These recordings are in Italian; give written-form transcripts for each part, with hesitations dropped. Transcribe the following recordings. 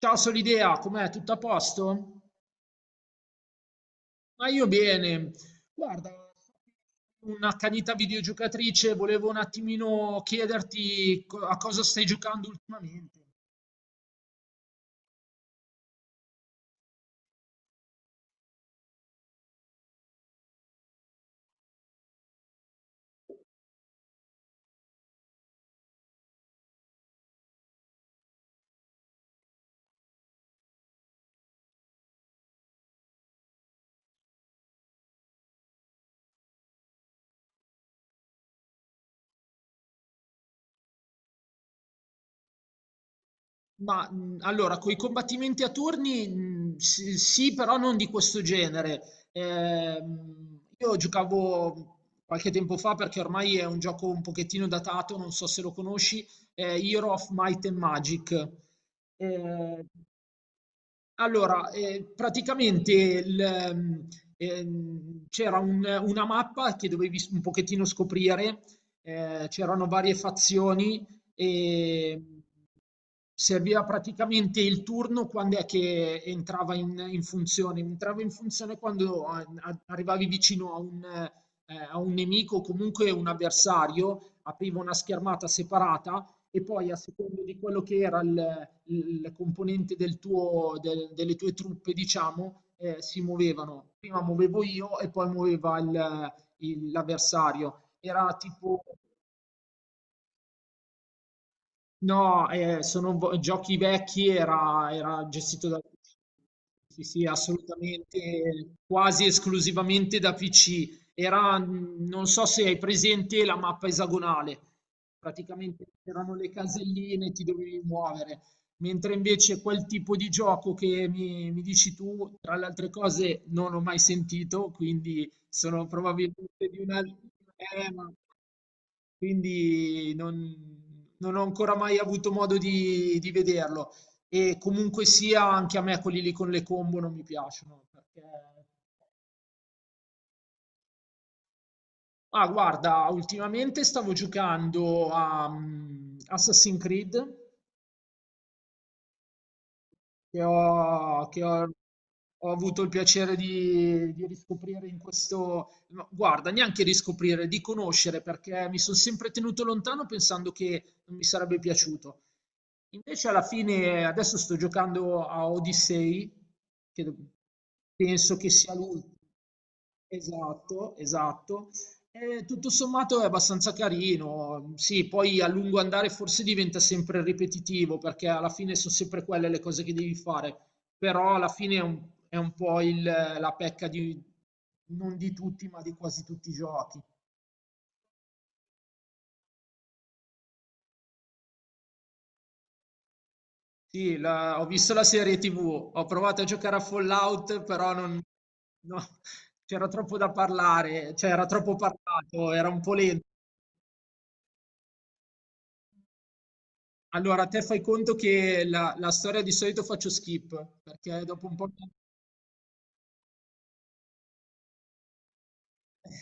Ciao Solidea, com'è? Tutto a posto? Ma io bene. Guarda, un'accanita videogiocatrice, volevo un attimino chiederti a cosa stai giocando ultimamente. Ma allora, con i combattimenti a turni, sì, sì, però non di questo genere. Io giocavo qualche tempo fa perché ormai è un gioco un pochettino datato, non so se lo conosci, Hero of Might and Magic. Eh, praticamente c'era una mappa che dovevi un pochettino scoprire, c'erano varie fazioni e serviva praticamente il turno quando è che entrava in funzione. Entrava in funzione quando arrivavi vicino a un nemico o comunque un avversario, apriva una schermata separata e poi a seconda di quello che era il componente del delle tue truppe, diciamo, si muovevano. Prima muovevo io e poi muoveva l'avversario. Era tipo no, sono giochi vecchi, era, era gestito da sì, sì, assolutamente, quasi esclusivamente da PC. Era, non so se hai presente la mappa esagonale, praticamente erano le caselline, ti dovevi muovere. Mentre invece quel tipo di gioco che mi dici tu, tra le altre cose, non ho mai sentito, quindi sono probabilmente di una... quindi non ho ancora mai avuto modo di vederlo. E comunque sia, anche a me quelli lì con le combo non mi piacciono. Perché... ah, guarda, ultimamente stavo giocando a Assassin's Creed, che ho, che ho- ho avuto il piacere di riscoprire in questo... no, guarda, neanche riscoprire, di conoscere, perché mi sono sempre tenuto lontano pensando che non mi sarebbe piaciuto. Invece alla fine, adesso sto giocando a Odyssey, che penso che sia l'ultimo. Esatto, esatto. E tutto sommato è abbastanza carino. Sì, poi a lungo andare forse diventa sempre ripetitivo, perché alla fine sono sempre quelle le cose che devi fare. Però alla fine è un po' la pecca di, non di tutti, ma di quasi tutti i giochi. Sì, ho visto la serie TV, ho provato a giocare a Fallout, però non, no, c'era troppo da parlare, cioè era troppo parlato, era un po' lento. Allora, te fai conto che la storia di solito faccio skip, perché dopo un po'... mi-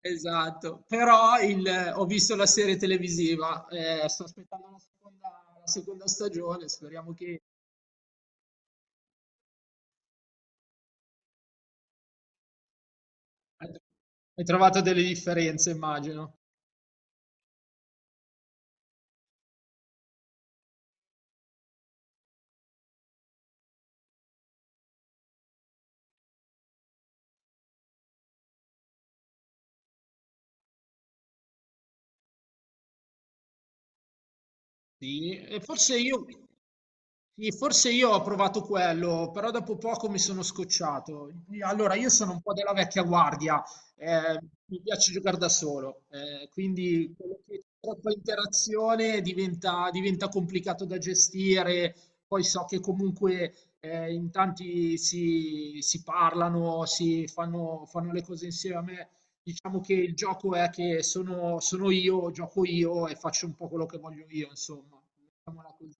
Esatto, però ho visto la serie televisiva, sto aspettando la seconda stagione, speriamo che... Hai trovato delle differenze, immagino. Sì, e forse io, sì, forse io ho provato quello, però dopo poco mi sono scocciato. Allora, io sono un po' della vecchia guardia, eh, mi piace giocare da solo, quindi quello che troppa interazione diventa, diventa complicato da gestire. Poi so che comunque in tanti si parlano, si fanno, fanno le cose insieme. Diciamo che il gioco è che sono io, gioco io e faccio un po' quello che voglio io, insomma. Mettiamola così.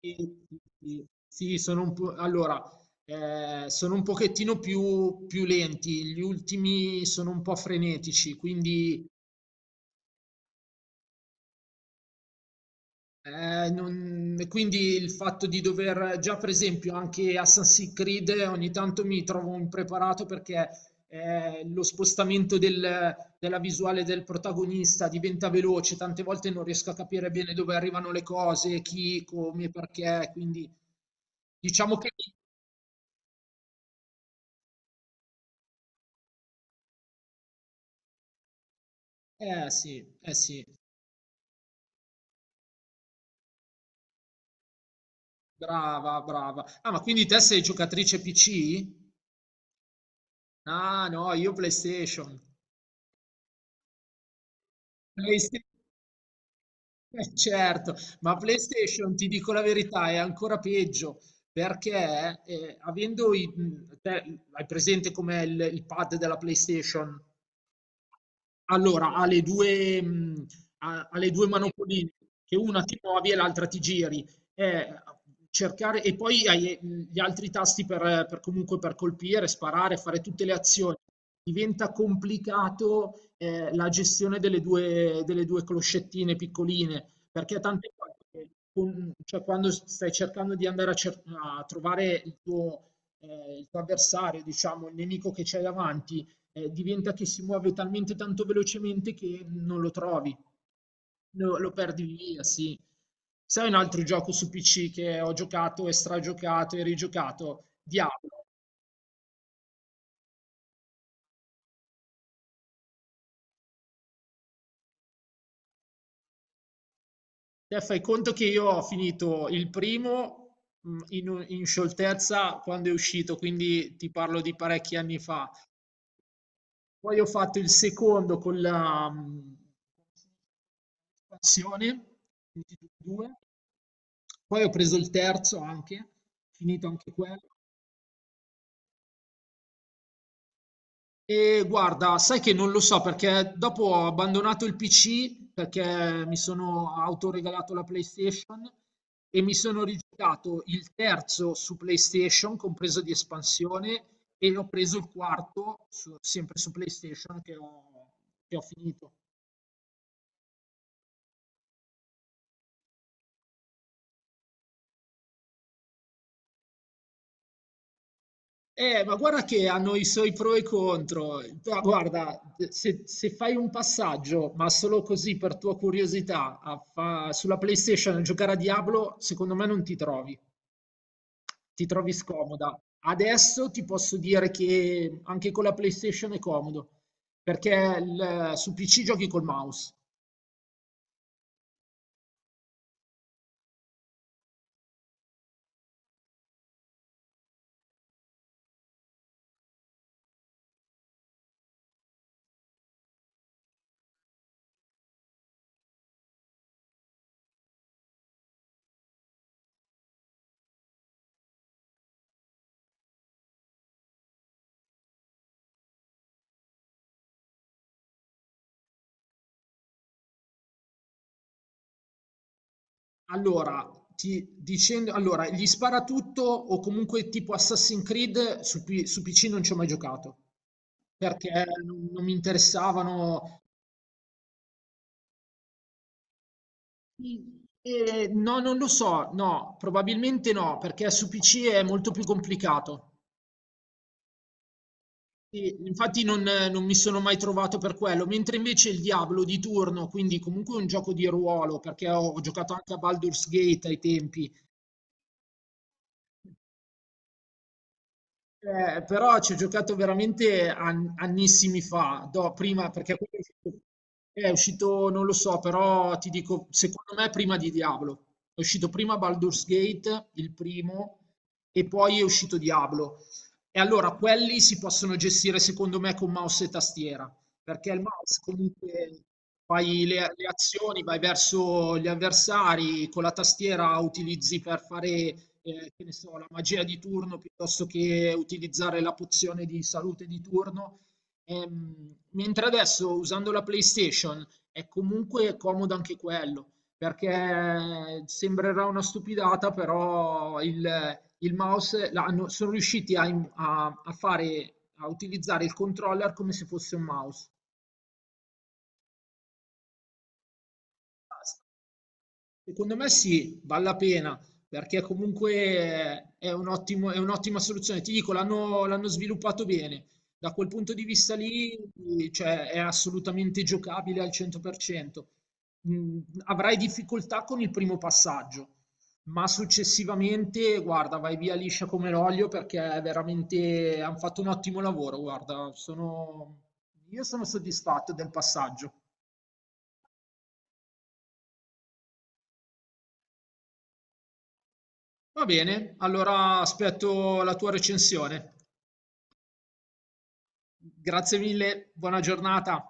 Sì, sì, sì. Sì, sono un pochettino più lenti, gli ultimi sono un po' frenetici, quindi e quindi il fatto di dover già, per esempio, anche Assassin's Creed ogni tanto mi trovo impreparato perché lo spostamento della visuale del protagonista diventa veloce, tante volte non riesco a capire bene dove arrivano le cose, chi, come, perché. Quindi diciamo che. Sì, eh sì, brava, brava. Ah, ma quindi te sei giocatrice PC? Ah, no, io PlayStation. Certo, ma PlayStation ti dico la verità, è ancora peggio perché avendo hai presente com'è il pad della PlayStation? Allora, ha le due, mhmm, ha le 2 manopoline, che una ti muovi e l'altra ti giri. Eh, cercare e poi hai, gli altri tasti per comunque per colpire, sparare, fare tutte le azioni. Diventa complicato, la gestione delle 2 closcettine piccoline, perché tante volte con cioè quando s stai cercando di andare a cer a trovare il tuo avversario, diciamo, il nemico che c'hai davanti, diventa che si muove talmente tanto velocemente che non lo trovi, lo perdi via, sì. Sai un altro gioco su PC che ho giocato e stragiocato e rigiocato? Diablo. Te fai conto che io ho finito il primo in scioltezza quando è uscito, quindi ti parlo di parecchi anni fa. Poi ho fatto il secondo con la espansione, quindi tutti e due. Poi ho preso il terzo anche, finito anche quello. E guarda, sai che non lo so perché dopo ho abbandonato il PC perché mi sono autoregalato la PlayStation e mi sono rigiocato il terzo su PlayStation, compreso di espansione, e ho preso il quarto sempre su PlayStation che ho finito. Ma guarda che hanno i suoi pro e contro. Ma guarda, se fai un passaggio, ma solo così per tua curiosità, a sulla PlayStation a giocare a Diablo, secondo me non ti trovi. Ti trovi scomoda. Adesso ti posso dire che anche con la PlayStation è comodo, perché su PC giochi col mouse. Allora, gli sparatutto o comunque tipo Assassin's Creed su PC non ci ho mai giocato, perché non mi interessavano. No, non lo so, no, probabilmente no, perché su PC è molto più complicato. Sì, infatti non, non mi sono mai trovato per quello, mentre invece il Diablo di turno, quindi comunque un gioco di ruolo, perché ho giocato anche a Baldur's Gate ai tempi. Però ci ho giocato veramente annissimi fa, prima perché quello è uscito, non lo so, però ti dico, secondo me prima di Diablo. È uscito prima Baldur's Gate, il primo, e poi è uscito Diablo. E allora quelli si possono gestire secondo me con mouse e tastiera, perché il mouse comunque fai le azioni, vai verso gli avversari, con la tastiera utilizzi per fare che ne so, la magia di turno piuttosto che utilizzare la pozione di salute di turno. Mentre adesso usando la PlayStation è comunque comodo anche quello, perché sembrerà una stupidata, però il mouse sono riusciti a, a fare, a utilizzare il controller come se fosse un mouse. Basta. Secondo me sì, vale la pena, perché comunque è un è un'ottima soluzione. Ti dico, l'hanno sviluppato bene. Da quel punto di vista lì, cioè, è assolutamente giocabile al 100%. Mm, avrai difficoltà con il primo passaggio, ma successivamente, guarda, vai via liscia come l'olio perché è veramente hanno fatto un ottimo lavoro. Guarda, sono... io sono soddisfatto del passaggio. Va bene, allora aspetto la tua recensione. Grazie mille, buona giornata.